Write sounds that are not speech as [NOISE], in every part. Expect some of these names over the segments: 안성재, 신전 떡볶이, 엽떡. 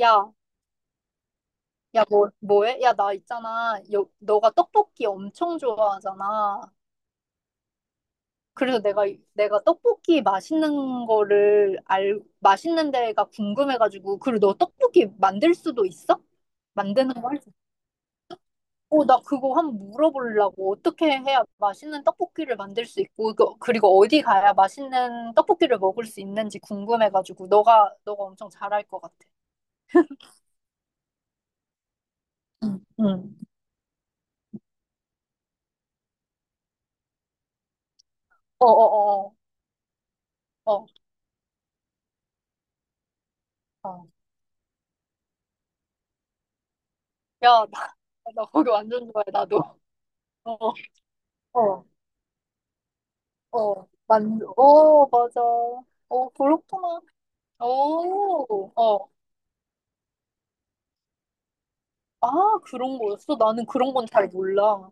야, 야, 뭐해? 야, 나 있잖아. 너가 떡볶이 엄청 좋아하잖아. 그래서 내가 떡볶이 맛있는 거를 맛있는 데가 궁금해가지고. 그리고 너 떡볶이 만들 수도 있어? 만드는 거 할 수 있어? 어, 나 그거 한번 물어보려고. 어떻게 해야 맛있는 떡볶이를 만들 수 있고, 그리고 어디 가야 맛있는 떡볶이를 먹을 수 있는지 궁금해가지고. 너가 엄청 잘할 것 같아. 응. 응. 어어어어. 어, 어. 어, 어. 야, 나 거기 완전 좋아해, 나도. 어, 어, 어. 맞아. 어, 그렇구나. 오, 어. 아, 그런 거였어? 나는 그런 건 잘 몰라.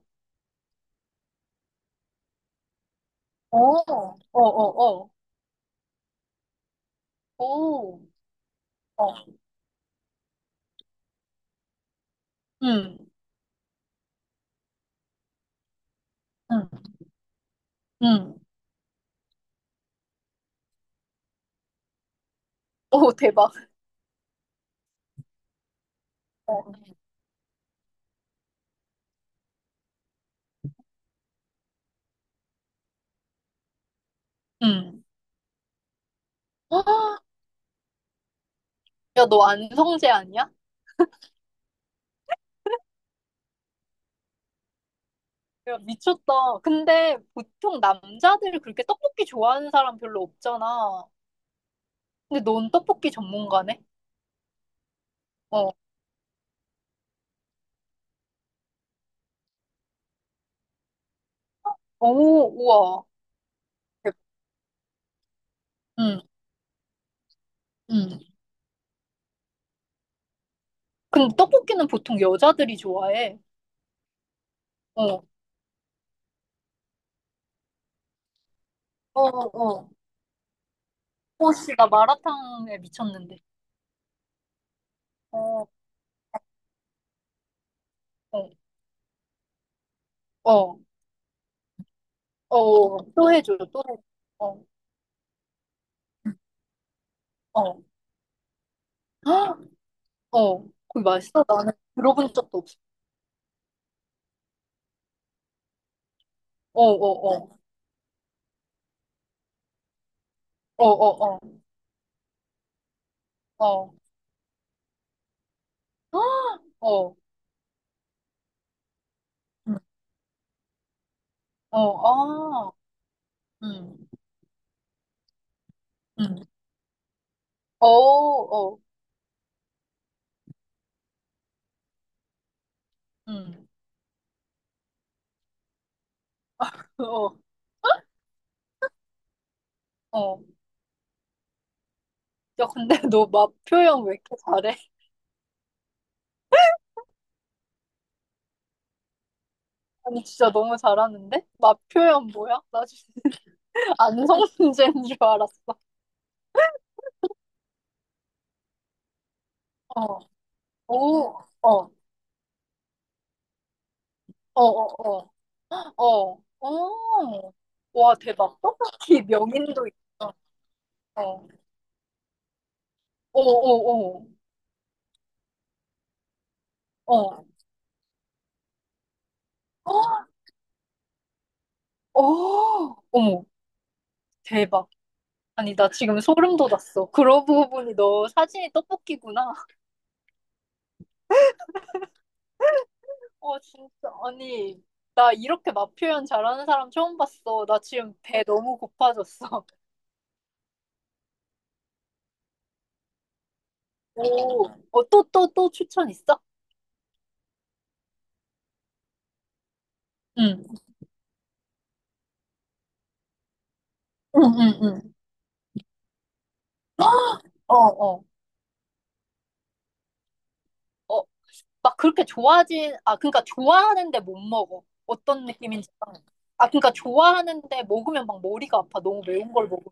어, 어, 어, 어. 오, 어. 응, 응, 응. 오, 대박. 어, 응. 헉, 야, 너 안성재 아니야? 야, 미쳤다. 근데 보통 남자들 그렇게 떡볶이 좋아하는 사람 별로 없잖아. 근데 넌 떡볶이 전문가네? 어. 오, 우와. 응, 응. 근데 떡볶이는 보통 여자들이 좋아해. 어, 어, 어, 어. 어, 씨, 나 마라탕에 미쳤는데. 어, 어, 어, 어, 어. 또 해줘, 또 해줘. 어, 어. [GASPS] 헉! 어, 거기 맛있어? 나는 들어본 적도 없어. 어, 어, 어. 어, 어, 어. 어. [GASPS] 헉! 어, 음, 어, 아, 음, 음. 어, 어, 음. 어, 어. 야, 근데 [LAUGHS] 너 맛 표현 왜 이렇게 잘해? 아니 진짜 너무 잘하는데? 맛 표현 뭐야? 나 진짜 [LAUGHS] 안성문제인 줄 알았어. 어. 오. 어. 어. 어. 어. 어. 어. 와 대박. 떡볶이 명인도 있어. 어. 어. 어. 어. 어. 어. 어머. 대박. 아니 나 지금 소름 돋았어. 그러고 보니 너 사진이 떡볶이구나. [LAUGHS] 어 진짜 아니 나 이렇게 맛 표현 잘하는 사람 처음 봤어. 나 지금 배 너무 고파졌어. 오, 어, 또, 또, 또 추천 있어? 응, 응, 응, 응. 어, 어. 어, 막 그렇게 좋아하진, 아, 그러니까 좋아하는데 못 먹어. 어떤 느낌인지. 알아? 아, 그러니까 좋아하는데 먹으면 막 머리가 아파. 너무 매운 걸 먹으면.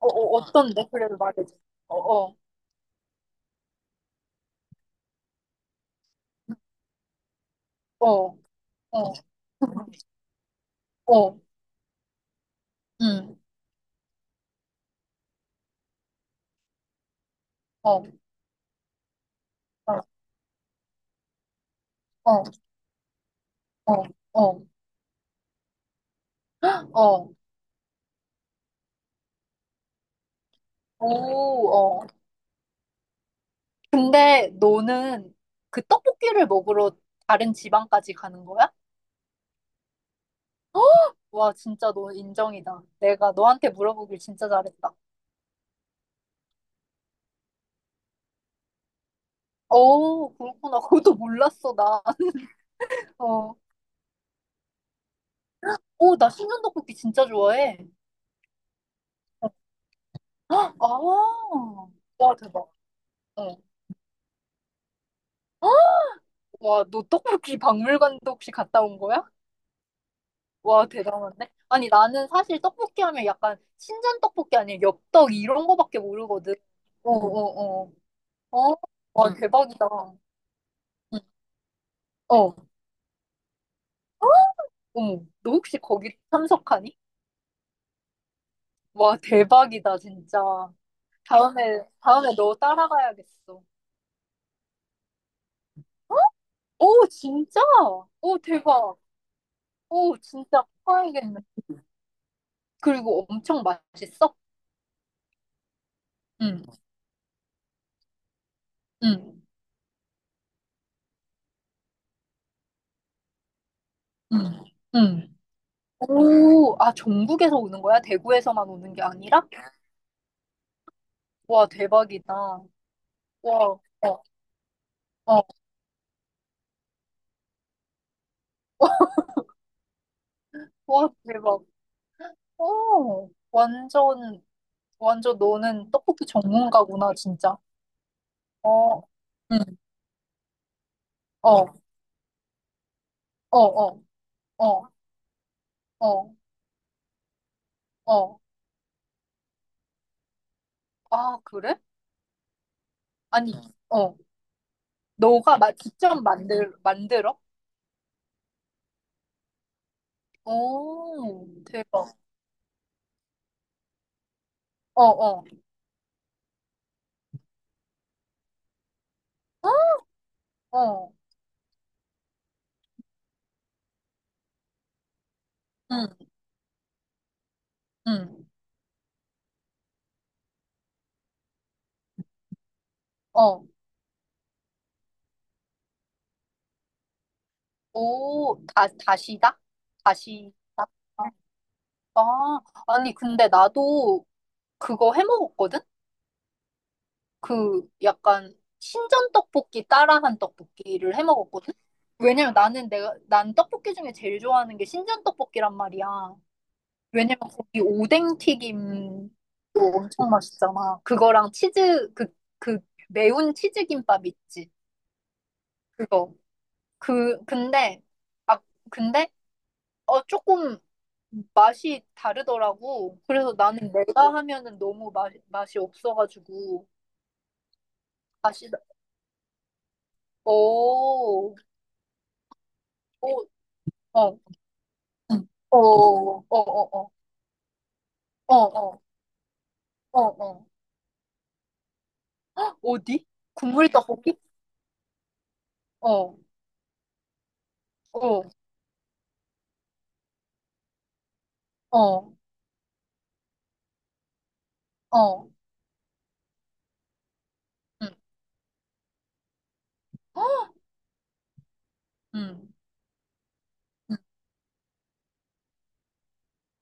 어, 어, 어떤데? 그래도 말해줘. 어, 어, 어, 어, 어, 응, 어, 어, 어, 어, 어, 어. 오, 어. 근데 너는 그 떡볶이를 먹으러 다른 지방까지 가는 거야? 와, 진짜 너 인정이다. 내가 너한테 물어보길 진짜 잘했다. 어, 그렇구나. [LAUGHS] 그것도 몰랐어, 나. 어, 어, 나 신전 떡볶이 진짜 좋아해. 아, 와, 대박. 어. 와, 너 떡볶이 박물관도 혹시 갔다 온 거야? 와, 대단한데? 아니, 나는 사실 떡볶이 하면 약간 신전 떡볶이 아니면 엽떡 이런 거밖에 모르거든. 어, 어, 어. 어, 와, 응. 대박이다. 응. 어, 어. 너 혹시 거기 참석하니? 와, 대박이다, 진짜. 다음에, 다음에 너 따라가야겠어. 오, 진짜? 오, 대박. 오, 진짜 파야겠네. 그리고 엄청 맛있어? 응, 응, 응, 응. 오, 아, 전국에서 오는 거야? 대구에서만 오는 게 아니라? 와, 대박이다. 와, 어, 어, 와, 대박. 오, 완전, 완전 너는 떡볶이 전문가구나, 진짜. 어, 응, 어, 어, 어, 어, 어, 어. 아, 그래? 아니, 어. 너가 직접 만들어? 오, 대박. 어, 어, 어, 응, 응, 어. 오, 다시다? 다시다? 아, 아니, 근데 나도 그거 해 먹었거든? 그 약간 신전 떡볶이 따라한 떡볶이를 해 먹었거든? 왜냐면 난 떡볶이 중에 제일 좋아하는 게 신전 떡볶이란 말이야. 왜냐면 거기 오뎅 튀김도 엄청 맛있잖아. 그거랑 치즈, 그, 매운 치즈 김밥 있지. 그거. 그, 근데, 아, 근데, 조금 맛이 다르더라고. 그래서 나는 내가 하면은 너무 맛이 없어가지고. 맛이, 오, 오, 어, 응. 어, 어, 어, 어, 어, 어, 어, 어. 어. 어디? 국물 떡볶이? 어, 어, 어, 어. 응. 응.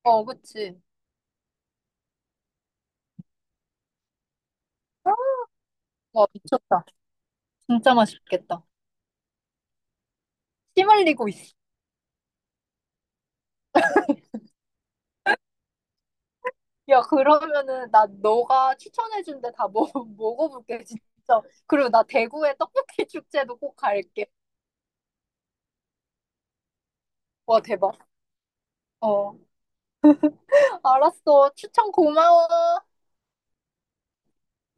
어, 그치. 와, 미쳤다. 진짜 맛있겠다. 침 흘리고 있어. 야, 그러면은 나 너가 추천해준 데 다 [LAUGHS] 먹어볼게, 진짜. 그리고 나 대구의 떡볶이 [LAUGHS] 축제도 꼭 갈게. 와, 대박. 어, 알았어. 추천 고마워.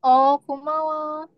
어, 고마워.